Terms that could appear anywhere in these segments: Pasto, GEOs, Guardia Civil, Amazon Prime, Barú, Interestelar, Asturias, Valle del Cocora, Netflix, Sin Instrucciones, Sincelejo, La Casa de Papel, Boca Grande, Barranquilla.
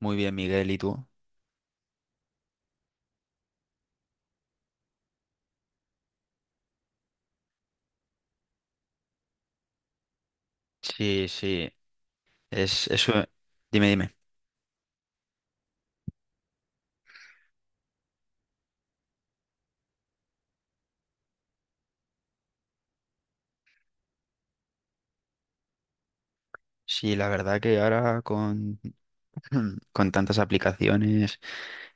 Muy bien, Miguel, ¿y tú? Sí, sí, es eso. Dime, dime. Sí, la verdad que ahora con, con tantas aplicaciones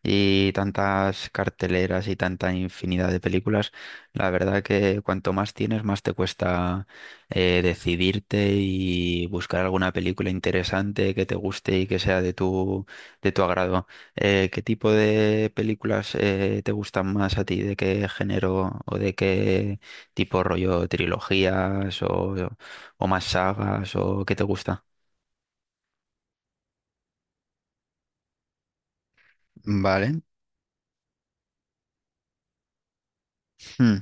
y tantas carteleras y tanta infinidad de películas, la verdad que cuanto más tienes, más te cuesta decidirte y buscar alguna película interesante que te guste y que sea de tu agrado. ¿Qué tipo de películas te gustan más a ti? ¿De qué género o de qué tipo rollo trilogías o más sagas o qué te gusta? Vale. Mm,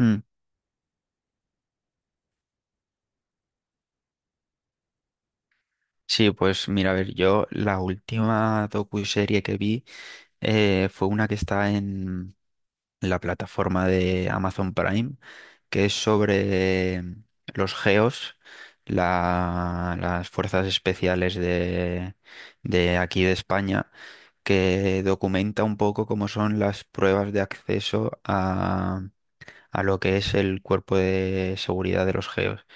mm. Sí, pues mira, a ver, yo la última docuserie que vi fue una que está en la plataforma de Amazon Prime, que es sobre los GEOs, las fuerzas especiales de aquí de España, que documenta un poco cómo son las pruebas de acceso a lo que es el cuerpo de seguridad de los GEOs.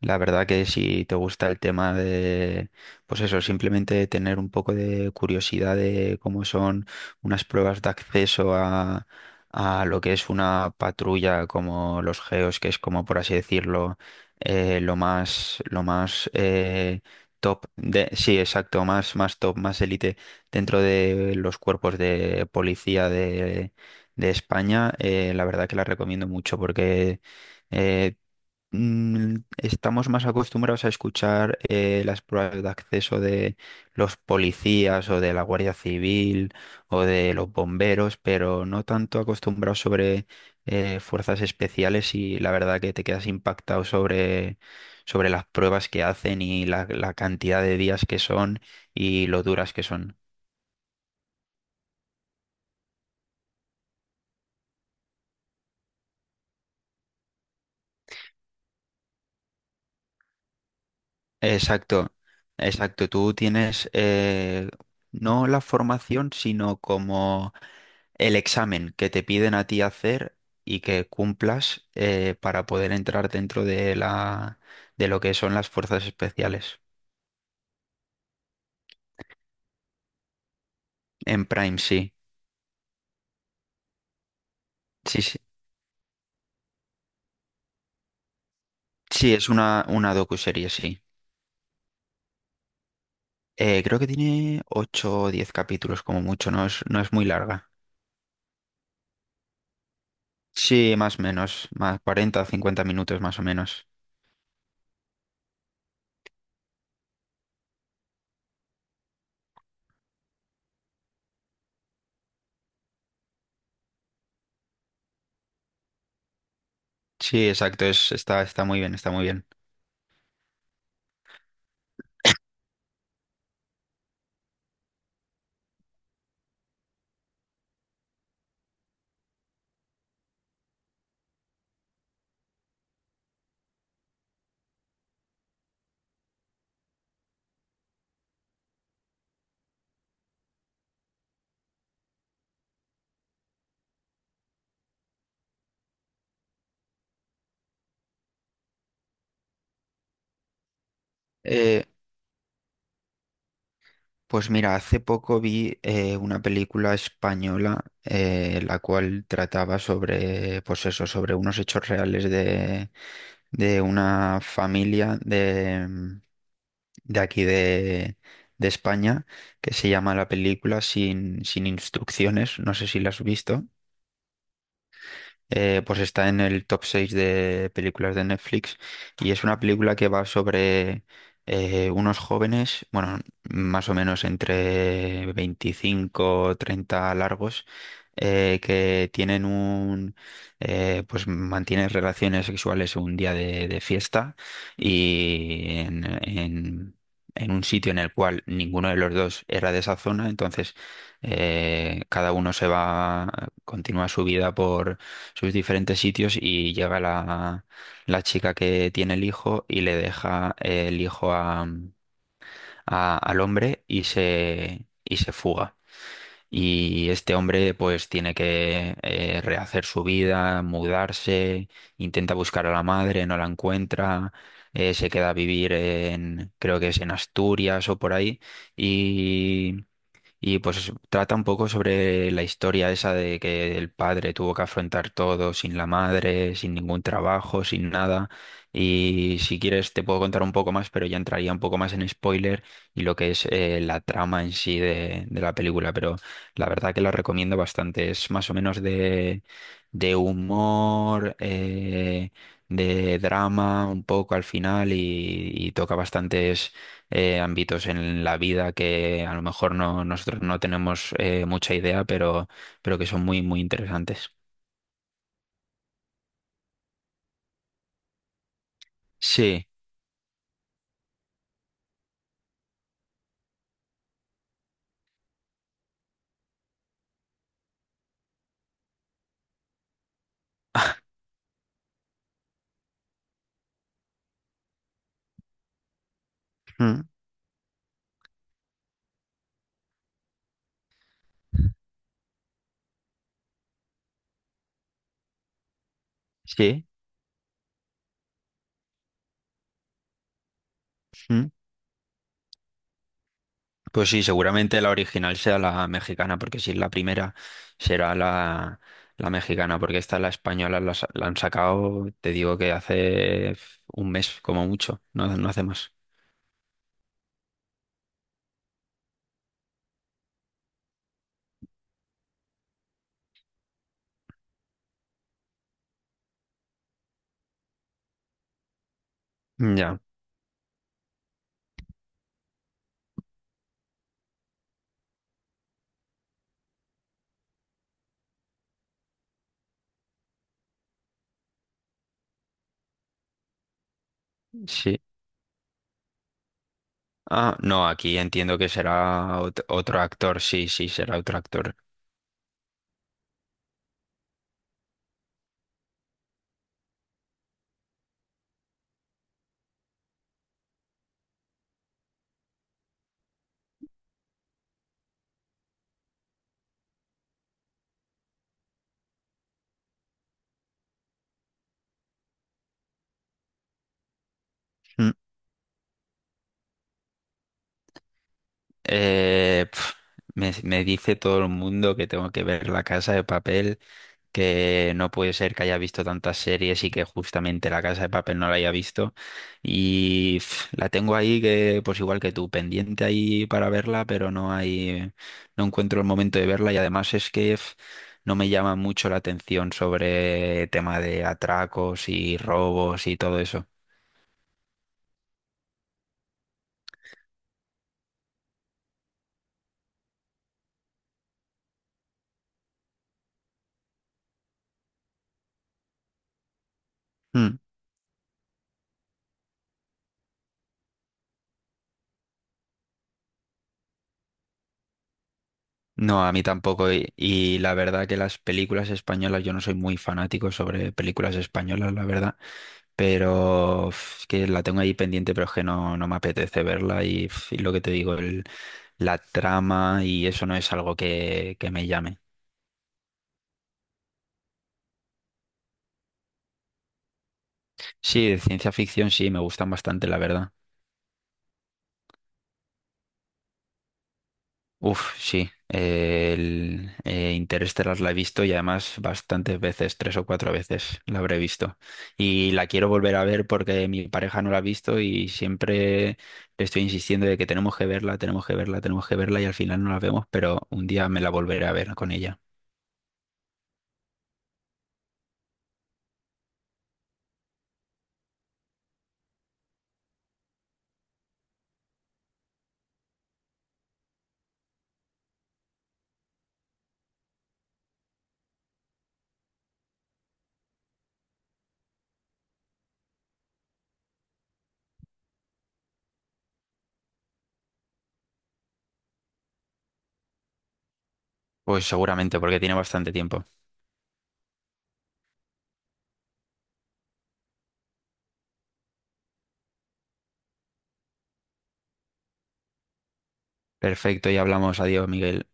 La verdad que si te gusta el tema de, pues eso, simplemente tener un poco de curiosidad de cómo son unas pruebas de acceso a lo que es una patrulla como los GEOS, que es como por así decirlo, lo más top de, sí, exacto, más top, más élite dentro de los cuerpos de policía de España, la verdad que la recomiendo mucho porque eh, estamos más acostumbrados a escuchar las pruebas de acceso de los policías o de la Guardia Civil o de los bomberos, pero no tanto acostumbrados sobre fuerzas especiales, y la verdad que te quedas impactado sobre las pruebas que hacen y la cantidad de días que son y lo duras que son. Exacto, exacto. Tú tienes no la formación, sino como el examen que te piden a ti hacer y que cumplas para poder entrar dentro de lo que son las fuerzas especiales. En Prime, sí. Sí, sí. Sí, es una docuserie, sí. Creo que tiene 8 o 10 capítulos como mucho, no es muy larga. Sí, más o menos, más 40 o 50 minutos más o menos. Sí, exacto, está muy bien, está muy bien. Eh, Pues mira, hace poco vi una película española la cual trataba sobre, pues eso, sobre unos hechos reales de una familia de aquí de España, que se llama la película Sin Instrucciones, no sé si la has visto. Pues está en el top 6 de películas de Netflix y es una película que va sobre unos jóvenes, bueno, más o menos entre 25 o 30 largos, que tienen pues mantienen relaciones sexuales un día de fiesta y en un sitio en el cual ninguno de los dos era de esa zona, entonces cada uno se va, continúa su vida por, sus diferentes sitios, y llega la chica que tiene el hijo y le deja el hijo al hombre se fuga. Y este hombre pues tiene que rehacer su vida, mudarse, intenta buscar a la madre, no la encuentra, se queda a vivir en, creo que es en Asturias o por ahí, y pues trata un poco sobre la historia esa de que el padre tuvo que afrontar todo sin la madre, sin ningún trabajo, sin nada. Y si quieres te puedo contar un poco más, pero ya entraría un poco más en spoiler y lo que es la trama en sí de la película. Pero la verdad que la recomiendo bastante. Es más o menos de humor, de drama un poco al final, y toca bastantes ámbitos en la vida que a lo mejor no, nosotros no tenemos mucha idea, pero que son muy, muy interesantes. Sí, mm, sí. Mm. Pues sí, seguramente la original sea la mexicana, porque si es la primera, será la mexicana, porque esta, la española, la han sacado, te digo que hace un mes como mucho, no hace más. Ya, sí. Ah, no, aquí entiendo que será otro actor, sí, sí, será otro actor. Eh, pf, me dice todo el mundo que tengo que ver La Casa de Papel, que no puede ser que haya visto tantas series y que justamente La Casa de Papel no la haya visto. Y la tengo ahí que, pues igual que tú, pendiente ahí para verla, pero no encuentro el momento de verla, y además es que no me llama mucho la atención sobre tema de atracos y robos y todo eso. Hmm. No, a mí tampoco. Y la verdad que las películas españolas, yo no soy muy fanático sobre películas españolas, la verdad. Pero uf, es que la tengo ahí pendiente, pero es que no me apetece verla. Y lo que te digo, la trama y eso no es algo que me llame. Sí, de ciencia ficción sí, me gustan bastante, la verdad. Uf, sí. El Interestelar la he visto, y además bastantes veces, tres o cuatro veces la habré visto. Y la quiero volver a ver porque mi pareja no la ha visto, y siempre le estoy insistiendo de que tenemos que verla, tenemos que verla, tenemos que verla, y al final no la vemos, pero un día me la volveré a ver con ella. Pues seguramente porque tiene bastante tiempo. Perfecto, y hablamos. Adiós, Miguel.